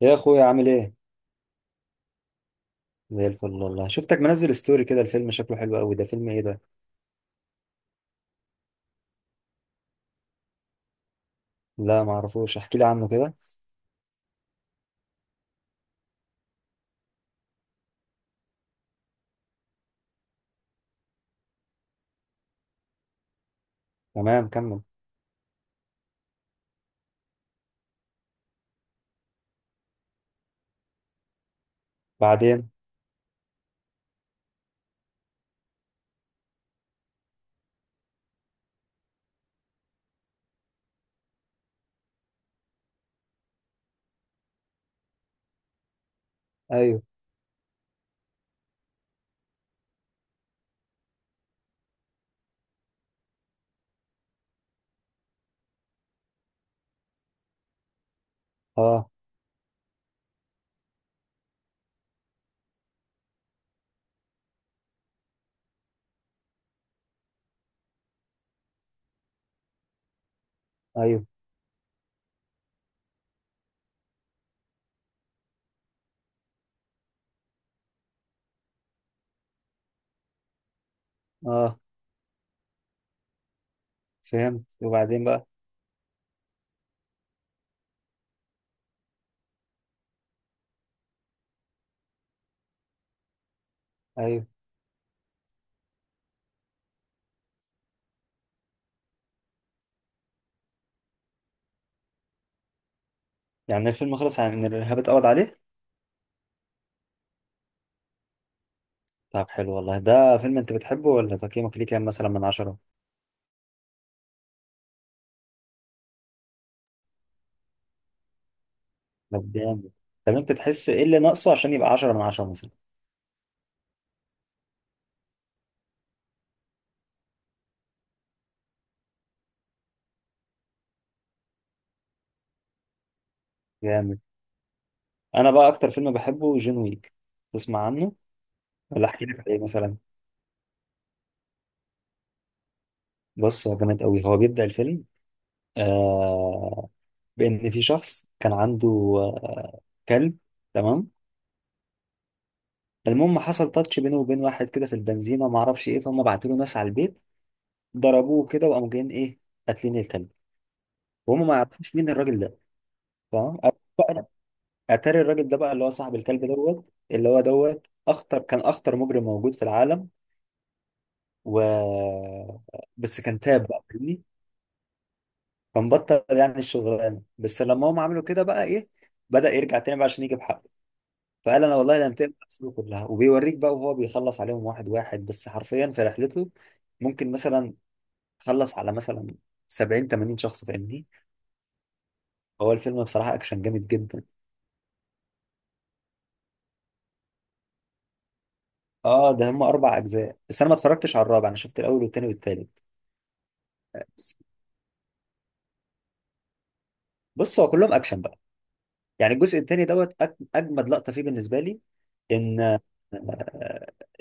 يا اخويا، عامل ايه؟ زي الفل والله. شفتك منزل ستوري كده، الفيلم شكله حلو قوي. ده فيلم ايه ده؟ لا، ما اعرفوش. احكي لي عنه كده. تمام، كمل. بعدين. ايوه. اه. ايوه. اه. فهمت، وبعدين بقى؟ ايوه. يعني الفيلم خلص عن ان الارهاب اتقبض عليه؟ طب حلو والله. ده فيلم انت بتحبه؟ ولا تقييمك ليه كام مثلا من 10؟ طب جامد. طب انت تحس ايه اللي ناقصه عشان يبقى 10 من 10 مثلا؟ جامد. انا بقى اكتر فيلم بحبه جون ويك. تسمع عنه؟ ولا احكي لك عليه مثلا؟ بص، هو جامد قوي. هو بيبدأ الفيلم، آه بان في شخص كان عنده، آه كلب. تمام. المهم حصل تاتش بينه وبين واحد كده في البنزينه، ما اعرفش ايه، فهم بعتوا له ناس على البيت، ضربوه كده وقاموا جايين ايه، قاتلين الكلب. وهم ما يعرفوش مين الراجل ده. تمام. بقى، اتاري الراجل ده بقى اللي هو صاحب الكلب دوت. اللي هو دوت كان اخطر مجرم موجود في العالم. و بس كان تاب بقى، فاهمني؟ كان بطل يعني الشغلانه. بس لما هم عملوا كده بقى ايه، بدأ يرجع تاني بقى عشان يجيب حقه. فقال انا والله لم تقبل احسابه كلها. وبيوريك بقى وهو بيخلص عليهم واحد واحد، بس حرفيا، في رحلته. ممكن مثلا خلص على مثلا 70 80 شخص، فاهمني؟ هو الفيلم بصراحة اكشن جامد جدا. اه، ده هم 4 اجزاء. بس انا ما اتفرجتش على الرابع. انا شفت الاول والتاني والتالت. بص، هو كلهم اكشن بقى. يعني الجزء التاني دوت، اجمد لقطة فيه بالنسبة لي. ان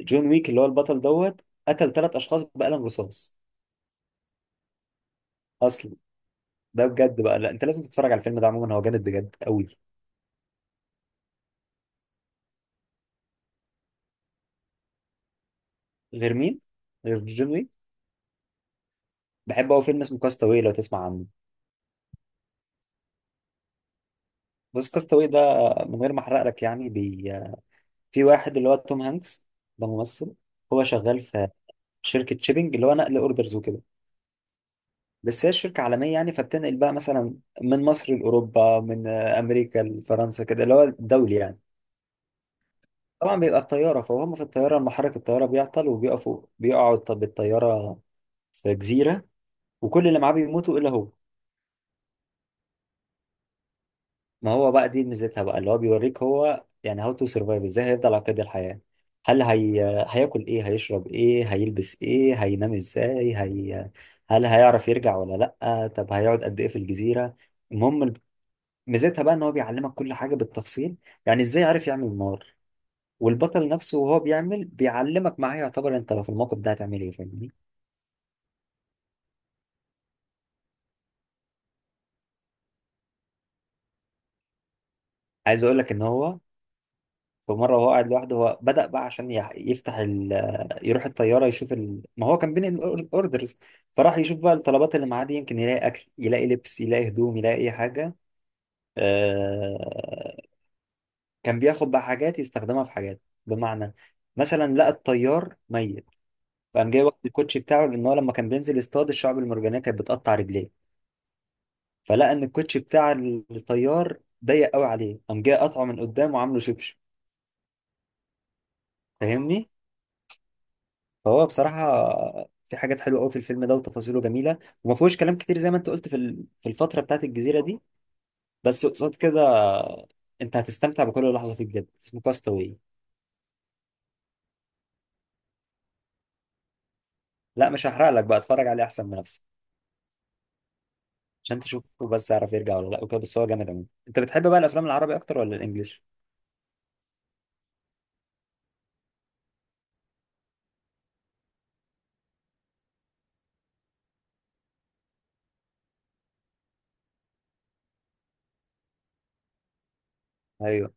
جون ويك اللي هو البطل دوت، قتل 3 اشخاص بقلم رصاص. اصلا، ده بجد بقى. لا، انت لازم تتفرج على الفيلم ده. عموما هو جامد بجد قوي. غير مين؟ غير جون ويك؟ بحب قوي فيلم اسمه كاستاوي، لو تسمع عنه. بص كاستاوي ده، من غير ما احرق لك يعني، في واحد اللي هو توم هانكس. ده ممثل. هو شغال في شركة شيبنج، اللي هو نقل اوردرز وكده. بس هي الشركة عالمية يعني، فبتنقل بقى مثلا من مصر لأوروبا، من أمريكا لفرنسا، كده اللي هو دولي يعني. طبعا بيبقى بطيارة، فهم في الطيارة محرك الطيارة بيعطل وبيقفوا، بيقعوا بالطيارة في جزيرة. وكل اللي معاه بيموتوا إلا هو. ما هو بقى دي ميزتها بقى، اللي هو بيوريك هو يعني هاو تو سرفايف، ازاي هيفضل على قيد الحياة. هل هي... هياكل ايه، هيشرب ايه، هيلبس ايه، هينام ازاي، هل هيعرف يرجع ولا؟ لأ، طب هيقعد قد ايه في الجزيرة؟ المهم، ميزتها بقى ان هو بيعلمك كل حاجة بالتفصيل. يعني ازاي عرف يعمل نار. والبطل نفسه وهو بيعمل بيعلمك معاه، يعتبر انت لو في الموقف ده هتعمل ايه، فاهمني؟ عايز اقول لك ان هو، فمرة وهو قاعد لوحده، هو بدأ بقى عشان يفتح يروح الطيارة يشوف ما هو كان بين الأوردرز. فراح يشوف بقى الطلبات اللي معاه دي، يمكن يلاقي أكل، يلاقي لبس، يلاقي هدوم، يلاقي أي حاجة. آه... كان بياخد بقى حاجات يستخدمها في حاجات، بمعنى مثلا لقى الطيار ميت. فقام جاي واخد الكوتشي بتاعه، لأن هو لما كان بينزل يصطاد الشعب المرجانية كانت بتقطع رجليه. فلقى إن الكوتشي بتاع الطيار ضيق قوي عليه، قام جاي قطعه من قدام وعامله شبشب. فاهمني؟ فهو بصراحة، في حاجات حلوة قوي في الفيلم ده وتفاصيله جميلة. وما فيهوش كلام كتير زي ما انت قلت في في الفترة بتاعت الجزيرة دي. بس قصاد كده، انت هتستمتع بكل لحظة فيه بجد. اسمه كاستاوي. لا، مش هحرق لك بقى، اتفرج عليه احسن من نفسك. عشان تشوفه بس، يعرف يرجع ولا لا وكده. بس هو جامد قوي. انت بتحب بقى الافلام العربي اكتر ولا الانجليش؟ ايوه.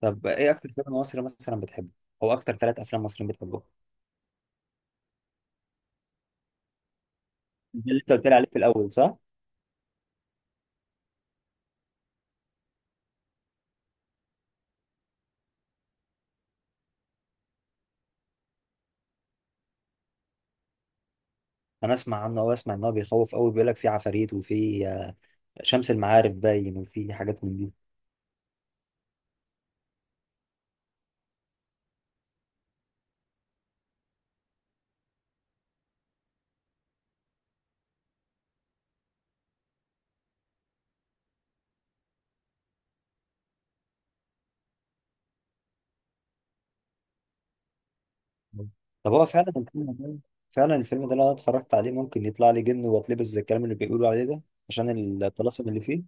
طب ايه اكتر فيلم مصري مثلا بتحبه؟ او اكتر 3 افلام مصريين بتحبهم؟ ده اللي انت قلت لي عليه في الاول، صح؟ انا اسمع عنه، او اسمع ان هو بيخوف قوي، بيقول لك فيه عفاريت وفيه شمس المعارف باين، وفيه حاجات من دي. طب هو فعلا الفيلم ده فعلا الفيلم ده لو انا اتفرجت عليه ممكن يطلع لي جن واتلبس، زي الكلام اللي بيقولوا عليه ده، عشان الطلاسم اللي فيه؟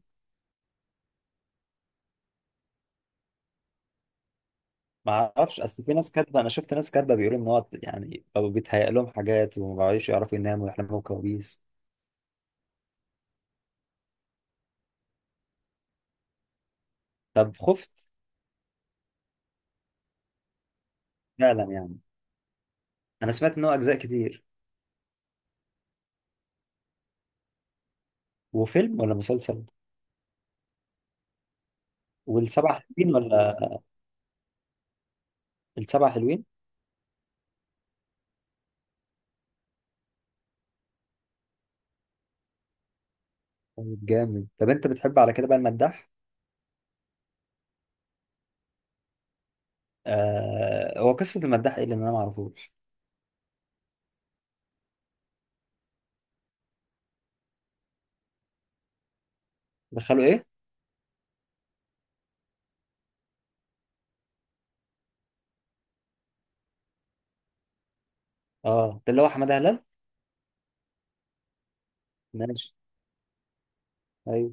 ما اعرفش، اصل في ناس كاتبه، انا شفت ناس كاتبه بيقولوا ان هو يعني بقوا بيتهيأ لهم حاجات، وما بقوش يعرفوا يناموا ويحلموا كوابيس. طب خفت؟ فعلا يعني. انا سمعت ان هو اجزاء كتير. وفيلم ولا مسلسل؟ والسبع حلوين ولا؟ السبع 7 حلوين. طيب جامد. طب انت بتحب على كده بقى المداح؟ آه، هو قصه المداح ايه اللي انا ما اعرفوش؟ دخلوا ايه؟ اه، ده اللي هو حماده هلال. ماشي. ايوه.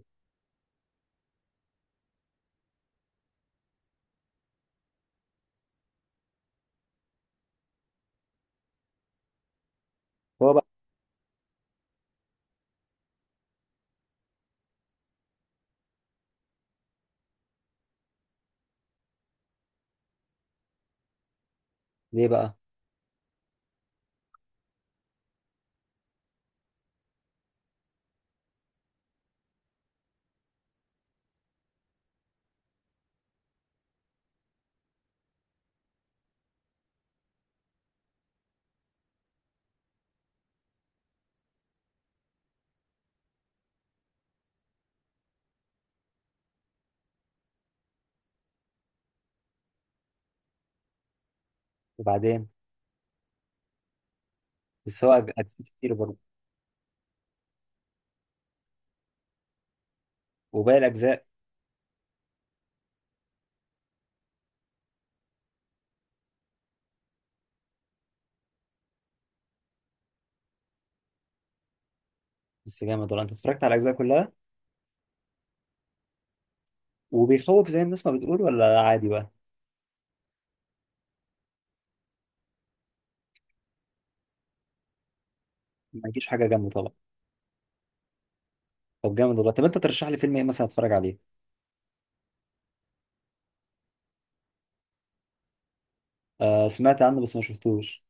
هو بقى، ليه بقى؟ وبعدين؟ بس هو اجزاء كتير برضه. وباقي الاجزاء؟ بس جامد والله. انت اتفرجت على الاجزاء كلها؟ وبيخوف زي الناس ما بتقول ولا عادي بقى؟ ما يجيش حاجه جنبه طبعا. طب جامد والله. طب انت ترشح لي فيلم ايه مثلا اتفرج عليه؟ آه، سمعت عنه بس ما شفتوش.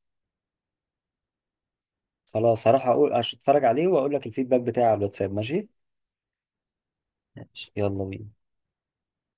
خلاص، هروح اقول اتفرج عليه واقول لك الفيدباك بتاعي على الواتساب، ماشي؟ ماشي، يلا بينا.